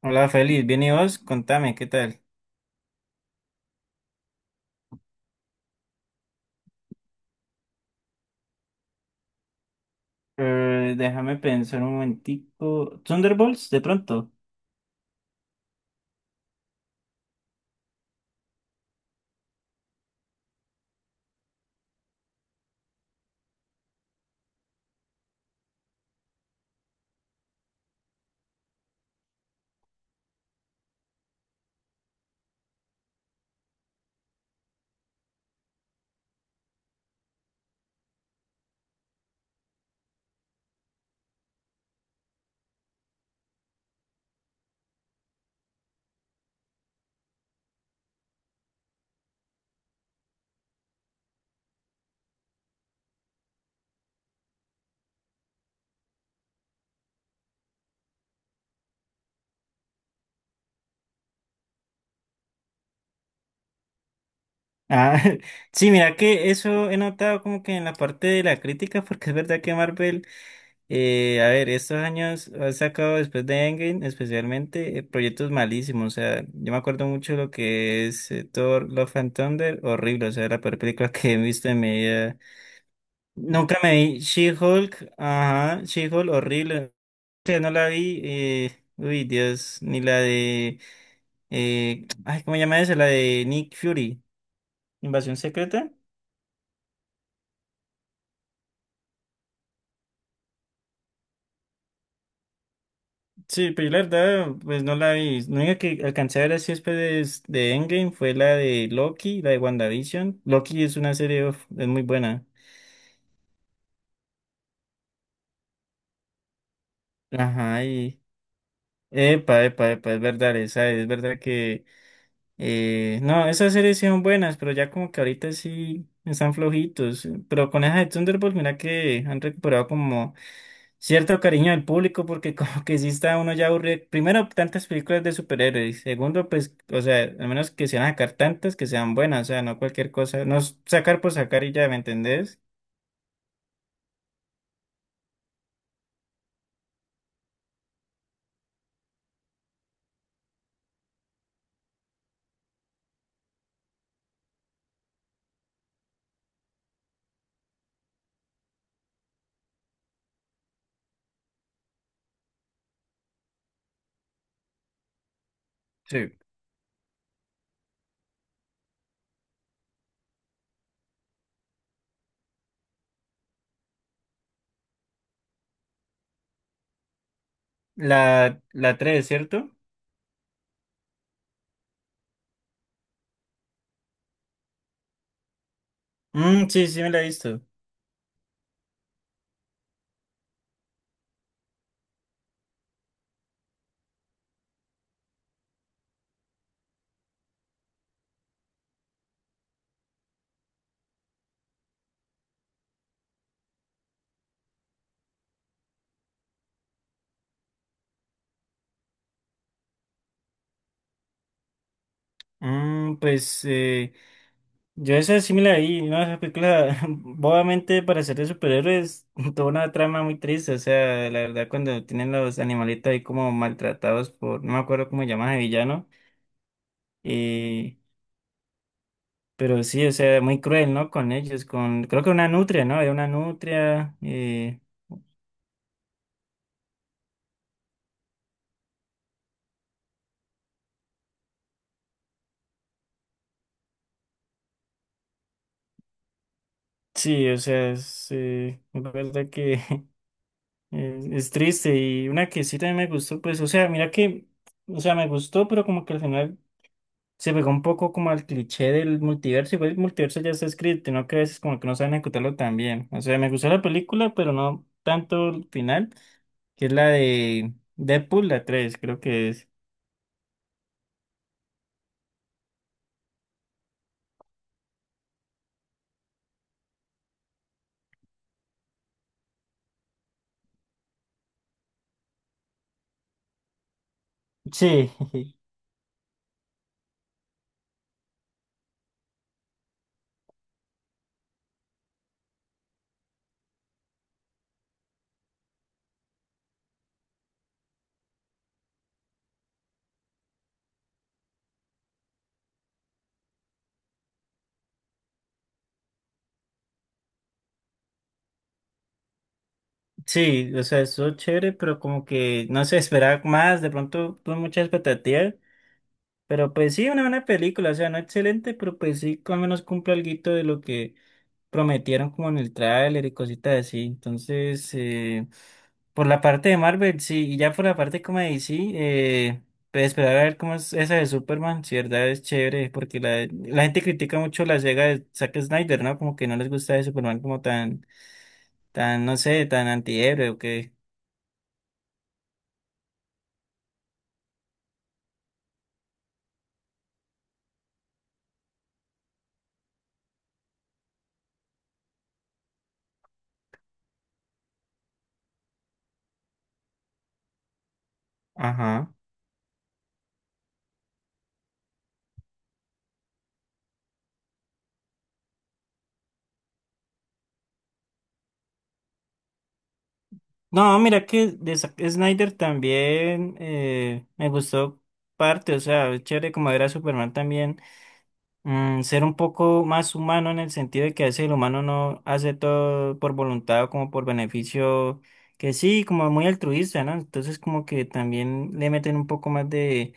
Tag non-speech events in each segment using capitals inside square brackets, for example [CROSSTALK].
Hola, feliz. ¿Bien y vos? Contame, ¿qué tal? Déjame pensar un momentico. ¿Thunderbolts, de pronto? Ah, [LAUGHS] sí, mira que eso he notado como que en la parte de la crítica, porque es verdad que Marvel, a ver, estos años ha sacado después de Endgame, especialmente, proyectos malísimos. O sea, yo me acuerdo mucho lo que es Thor, Love and Thunder, horrible. O sea, la peor película [LAUGHS] que he visto en mi vida. Nunca me vi She-Hulk, ajá, She-Hulk, horrible. Que no la vi, uy, Dios, ni la de, ay, ¿cómo se llama esa? La de Nick Fury, Invasión Secreta. Sí, pero yo la verdad, pues no la vi. Lo único que alcancé a ver así después de Endgame fue la de Loki, la de WandaVision. Loki es una serie, uf, es muy buena. Ajá, y, epa, epa, epa, es verdad, esa es verdad que. No, esas series sí son buenas, pero ya como que ahorita sí están flojitos. Pero con esa de Thunderbolt, mira que han recuperado como cierto cariño del público, porque [LAUGHS] como que sí está uno ya aburrido. Primero, tantas películas de superhéroes. Segundo, pues, o sea, al menos que se van a sacar tantas que sean buenas, o sea, no cualquier cosa. No s- Sacar por sacar y ya, ¿me entendés? Sí. ¿La, la tres, cierto? Mm, sí, sí me la he visto. Mm, pues, yo esa es similar ahí, ¿no? Esa película, [LAUGHS] obviamente para ser de superhéroes, [LAUGHS] toda una trama muy triste, o sea, la verdad cuando tienen los animalitos ahí como maltratados por, no me acuerdo cómo llaman de villano, eh, pero sí, o sea, muy cruel, ¿no? Con ellos, con, creo que una nutria, ¿no? Era una nutria, sí, o sea, es, la verdad que [LAUGHS] es triste y una que sí también me gustó, pues, o sea, mira que, o sea, me gustó, pero como que al final... Se pegó un poco como al cliché del multiverso, igual el multiverso ya está escrito, ¿no? Que a veces como que no saben ejecutarlo tan bien. O sea, me gustó la película, pero no tanto el final, que es la de Deadpool, la 3 creo que es. Sí, [LAUGHS] sí, o sea, estuvo chévere, pero como que no se esperaba más, de pronto tuve muchas expectativas, pero pues sí, una buena película, o sea, no excelente, pero pues sí, al menos cumple algo de lo que prometieron como en el tráiler y cositas así. Entonces, por la parte de Marvel, sí, y ya por la parte como de DC, pues esperar a ver cómo es esa de Superman, si de verdad es chévere, porque la gente critica mucho la saga de Zack Snyder, ¿no? Como que no les gusta de Superman como tan, tan, no sé, tan antihéroe o qué. Ajá. No, mira que de Zack Snyder también me gustó parte, o sea, es chévere como ver a Superman también ser un poco más humano en el sentido de que a veces el humano no hace todo por voluntad o como por beneficio, que sí, como muy altruista, ¿no? Entonces como que también le meten un poco más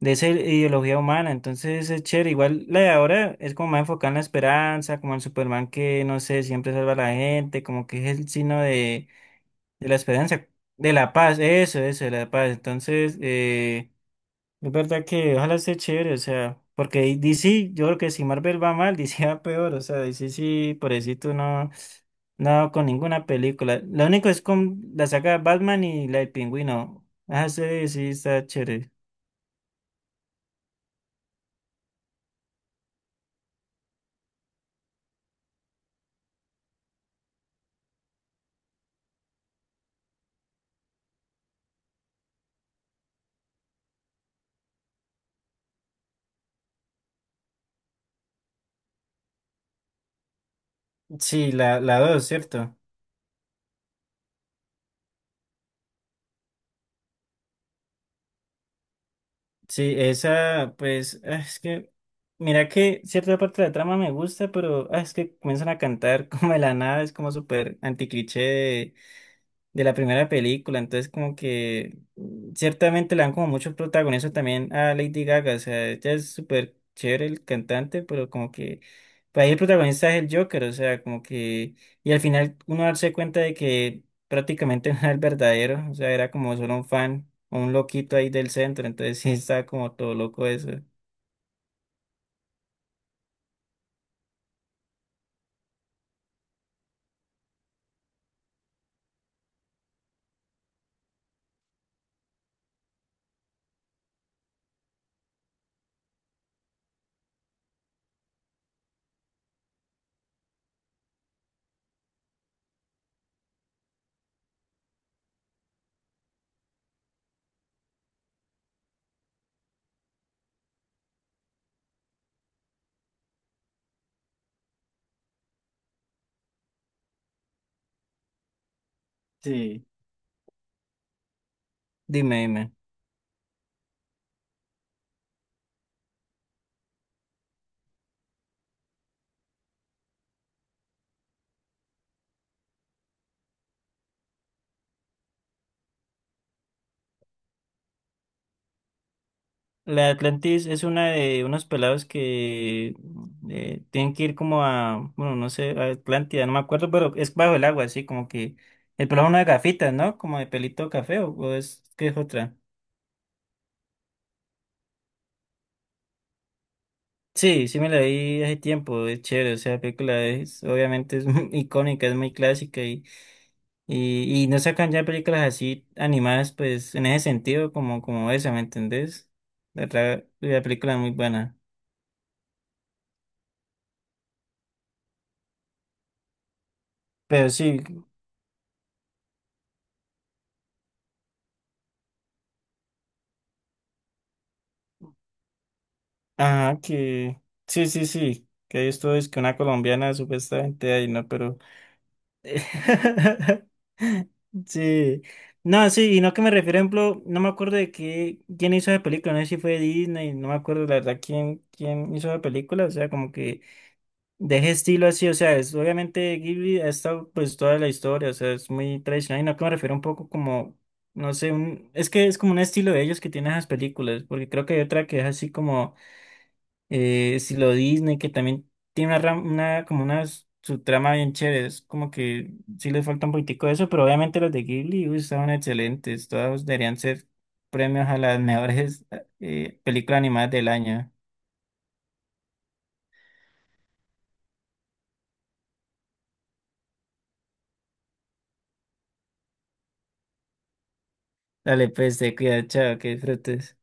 de esa ideología humana, entonces es chévere, igual la de ahora es como más enfocada en la esperanza, como el Superman que, no sé, siempre salva a la gente, como que es el signo de la esperanza, de la paz, eso, de la paz, entonces... Es verdad que ojalá esté chévere, o sea, porque DC, yo creo que si Marvel va mal, [LAUGHS] DC va peor, o sea, DC sí, pobrecito, no, no con ninguna película. Lo único es con la saga de Batman y la del Pingüino. Ah, sí, sí, está chévere. Sí, la dos, ¿cierto? Sí, esa, pues, ah, es que, mira que cierta parte de la trama me gusta, pero ah, es que comienzan a cantar [LAUGHS] como de la nada, es como súper anticliché de la primera película, entonces como que ciertamente le dan como mucho protagonismo también a Lady Gaga, o sea, ella es súper chévere el cantante, pero como que para ahí el protagonista es el Joker, o sea, como que y al final uno darse cuenta de que prácticamente [LAUGHS] no era el verdadero, o sea, era como solo un fan, o un loquito ahí del centro, entonces sí está como todo loco eso. Sí. Dime, dime. La de Atlantis es una de unos pelados que tienen que ir como a, bueno, no sé, a Atlántida, no me acuerdo, pero es bajo el agua, así como que el pelado es uno de gafitas, ¿no? Como de pelito café o es que es otra. Sí, sí me la vi hace tiempo, es chévere, o sea, la película es, obviamente es [LAUGHS] muy icónica, es muy clásica y no sacan ya películas así animadas, pues en ese sentido, como, como esa, ¿me entendés? La, la película es muy buena. Pero sí, ajá, que sí, sí, sí, que esto es que una colombiana supuestamente ahí, ¿no? Pero... [LAUGHS] Sí, no, sí, y no que me refiero, ejemplo, no me acuerdo de qué, quién hizo la película, no sé si fue Disney, no me acuerdo la verdad quién, quién hizo la película, o sea, como que de ese estilo así, o sea, es, obviamente Ghibli ha estado pues toda la historia, o sea, es muy tradicional, y no que me refiero un poco como, no sé, un, es que es como un estilo de ellos que tienen esas películas, porque creo que hay otra que es así como si lo Disney, que también tiene una, una como una subtrama bien chévere, es como que sí le falta un poquitico de eso, pero obviamente los de Ghibli uy, estaban excelentes, todos deberían ser premios a las mejores películas animadas del año. Dale, pues, te cuida, chao, que disfrutes.